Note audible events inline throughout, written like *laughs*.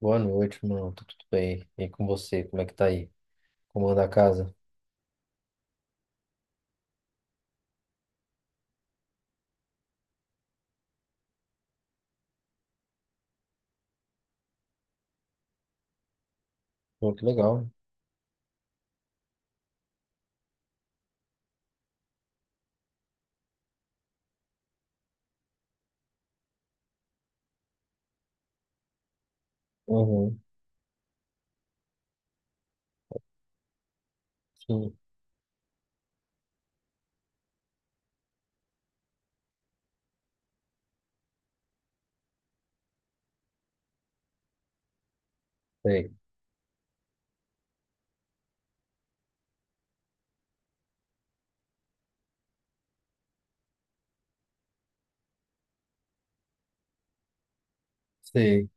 Boa noite, mano. Tá tudo bem? E com você? Como é que tá aí? Como anda a casa? Pô, que legal. Uhum. Sim. Sei. Sei.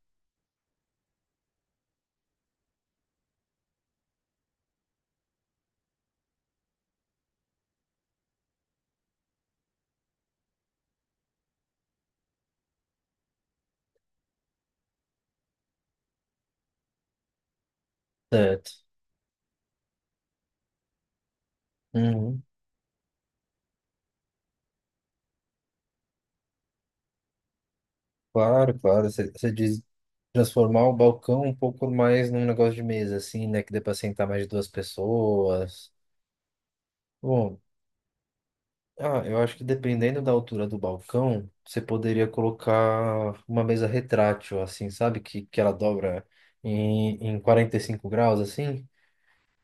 Certo. Uhum. Claro, claro. Você diz transformar o balcão um pouco mais num negócio de mesa, assim, né? Que dê pra sentar mais de duas pessoas. Bom, eu acho que dependendo da altura do balcão, você poderia colocar uma mesa retrátil, assim, sabe? Que ela dobra em 45 graus, assim.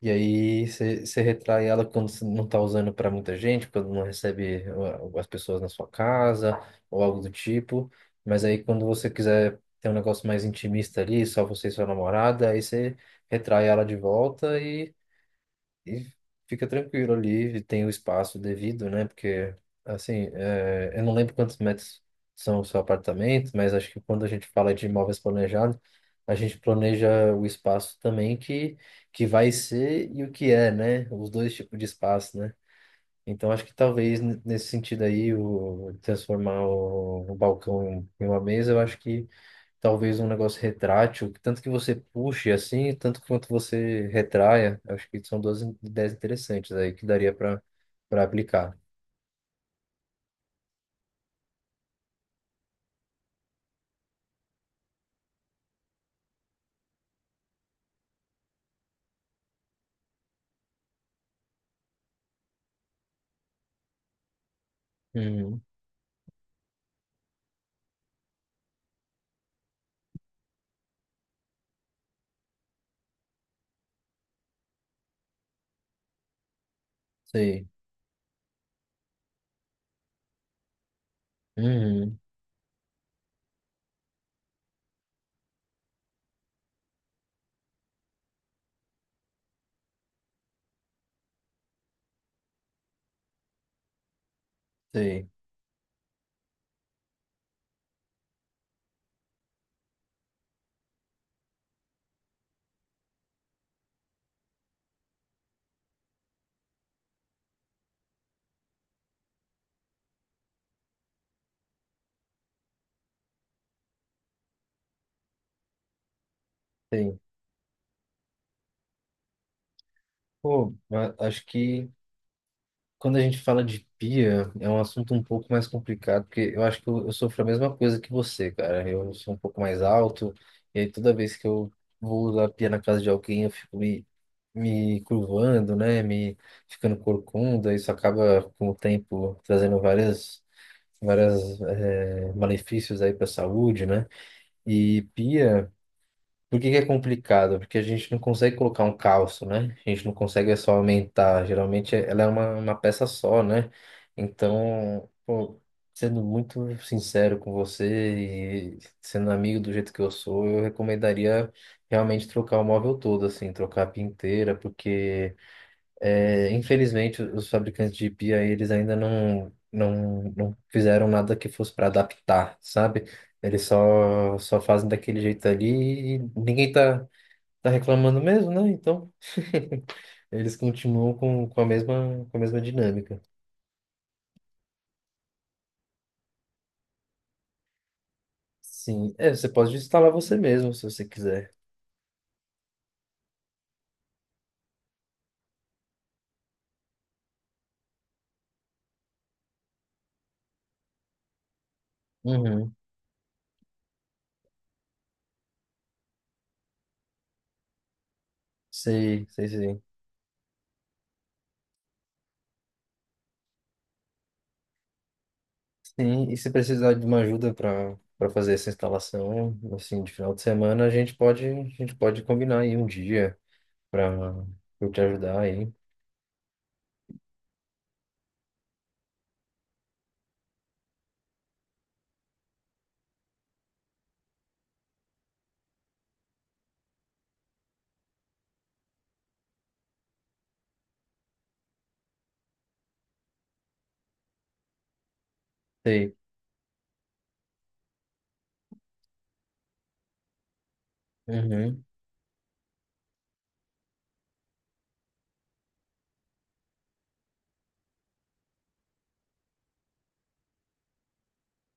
E aí você retrai ela quando você não está usando para muita gente, quando não recebe as pessoas na sua casa ou algo do tipo. Mas aí quando você quiser ter um negócio mais intimista ali, só você e sua namorada, aí você retrai ela de volta e e fica tranquilo ali, tem o espaço devido, né? Porque eu não lembro quantos metros são o seu apartamento, mas acho que quando a gente fala de imóveis planejados, a gente planeja o espaço também que vai ser e o que é, né? Os dois tipos de espaço, né? Então, acho que talvez nesse sentido aí, o transformar o balcão em uma mesa, eu acho que talvez um negócio retrátil, que tanto que você puxe assim, tanto quanto você retraia. Eu acho que são duas ideias interessantes aí que daria para aplicar. Uhum, sei. Uhum, sei, sei. Pô, mas acho que quando a gente fala de pia, é um assunto um pouco mais complicado, porque eu acho que eu sofro a mesma coisa que você, cara. Eu sou um pouco mais alto, e aí toda vez que eu vou usar a pia na casa de alguém, eu fico me curvando, né? Me ficando corcunda. Isso acaba, com o tempo, trazendo várias, várias, eh, malefícios aí para a saúde, né? E pia. Por que que é complicado? Porque a gente não consegue colocar um calço, né? A gente não consegue é só aumentar. Geralmente é, ela é uma peça só, né? Então, pô, sendo muito sincero com você e sendo amigo do jeito que eu sou, eu recomendaria realmente trocar o móvel todo, assim, trocar a pia inteira, porque. É, infelizmente, os fabricantes de pia, eles ainda não fizeram nada que fosse para adaptar, sabe? Eles só fazem daquele jeito ali e ninguém tá reclamando mesmo, né? Então, *laughs* eles continuam com com a mesma dinâmica. Sim, é, você pode instalar você mesmo, se você quiser. Uhum. Sei, sei, sei. Sim, e se precisar de uma ajuda para fazer essa instalação, assim, de final de semana, a gente pode combinar aí um dia para eu te ajudar aí. Sei. Uhum,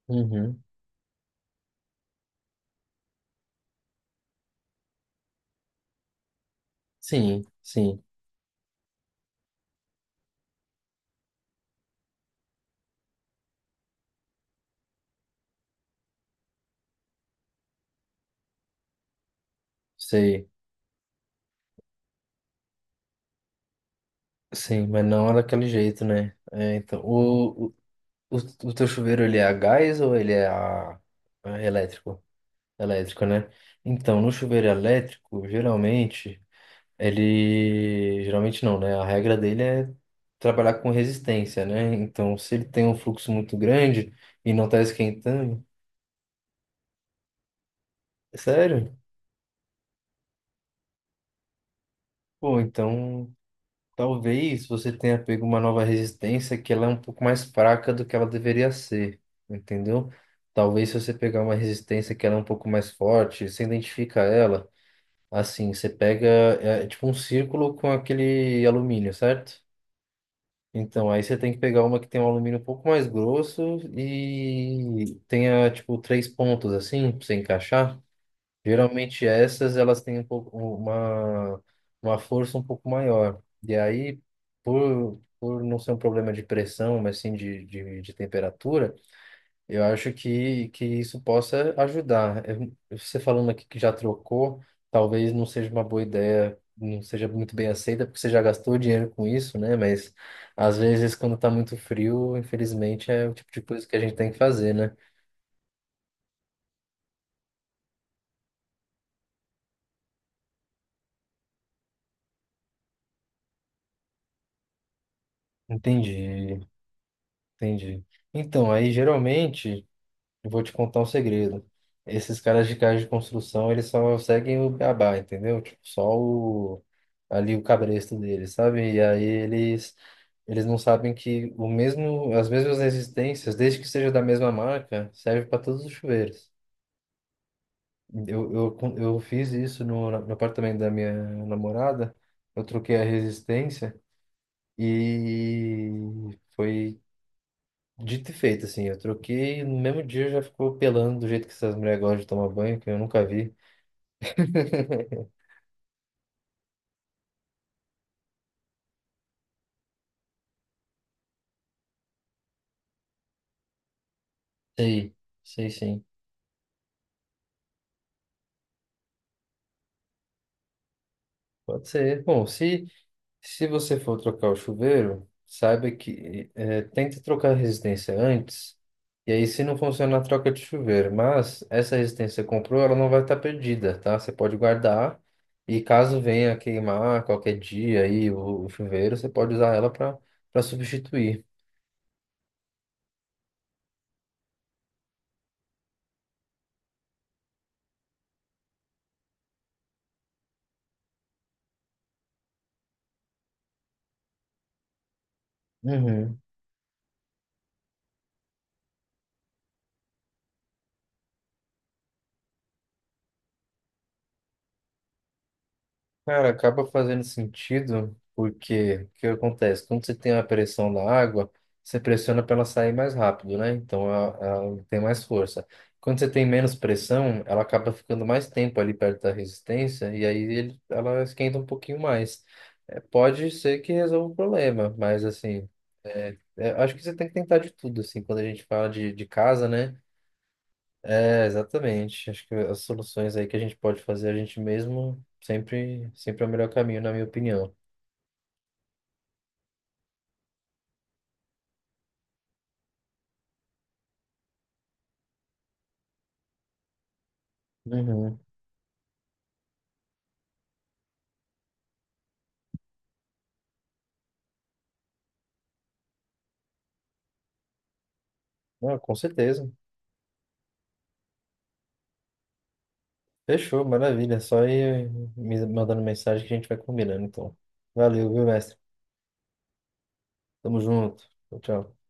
uhum. Sim, sim, sei. Sim, mas não é daquele jeito, né? É, então, o o teu chuveiro, ele é a gás ou ele é a elétrico? Elétrico, né? Então, no chuveiro elétrico, geralmente, geralmente não, né? A regra dele é trabalhar com resistência, né? Então, se ele tem um fluxo muito grande e não tá esquentando... Sério? Pô, então... Talvez você tenha pego uma nova resistência que ela é um pouco mais fraca do que ela deveria ser, entendeu? Talvez se você pegar uma resistência que ela é um pouco mais forte, você identifica ela, assim, você pega, é tipo um círculo com aquele alumínio, certo? Então, aí você tem que pegar uma que tem um alumínio um pouco mais grosso e tenha, tipo, três pontos, assim, pra você encaixar. Geralmente essas elas têm uma força um pouco maior. E aí, por não ser um problema de pressão, mas sim de temperatura, eu acho que isso possa ajudar. Você falando aqui que já trocou, talvez não seja uma boa ideia, não seja muito bem aceita, porque você já gastou dinheiro com isso, né? Mas às vezes, quando está muito frio, infelizmente é o tipo de coisa que a gente tem que fazer, né? Entendi, entendi. Então, aí geralmente. Eu vou te contar um segredo. Esses caras de casa de construção, eles só seguem o beabá, entendeu? Tipo, ali o cabresto deles, sabe? E aí eles não sabem que o mesmo, as mesmas resistências, desde que seja da mesma marca, serve para todos os chuveiros. Eu fiz isso no apartamento da minha namorada. Eu troquei a resistência e foi. Dito e feito, assim, eu troquei e no mesmo dia já ficou pelando do jeito que essas mulheres gostam de tomar banho, que eu nunca vi. *laughs* Sei, sei sim. Pode ser. Bom, se você for trocar o chuveiro, saiba que é, tente trocar a resistência antes, e aí se não funcionar, troca de chuveiro. Mas essa resistência que comprou, ela não vai estar perdida, tá? Você pode guardar, e caso venha queimar qualquer dia aí o chuveiro, você pode usar ela para substituir. Uhum. Cara, acaba fazendo sentido, porque o que acontece? Quando você tem a pressão da água, você pressiona para ela sair mais rápido, né? Então ela tem mais força. Quando você tem menos pressão, ela acaba ficando mais tempo ali perto da resistência, e aí ela esquenta um pouquinho mais. É, pode ser que resolva o problema, mas assim, é, acho que você tem que tentar de tudo, assim, quando a gente fala de casa, né? É, exatamente. Acho que as soluções aí que a gente pode fazer a gente mesmo sempre, sempre é o melhor caminho, na minha opinião. Uhum. Ah, com certeza. Fechou, maravilha. Só ir me mandando mensagem que a gente vai combinando, então. Valeu, viu, mestre? Tamo junto. Tchau, tchau.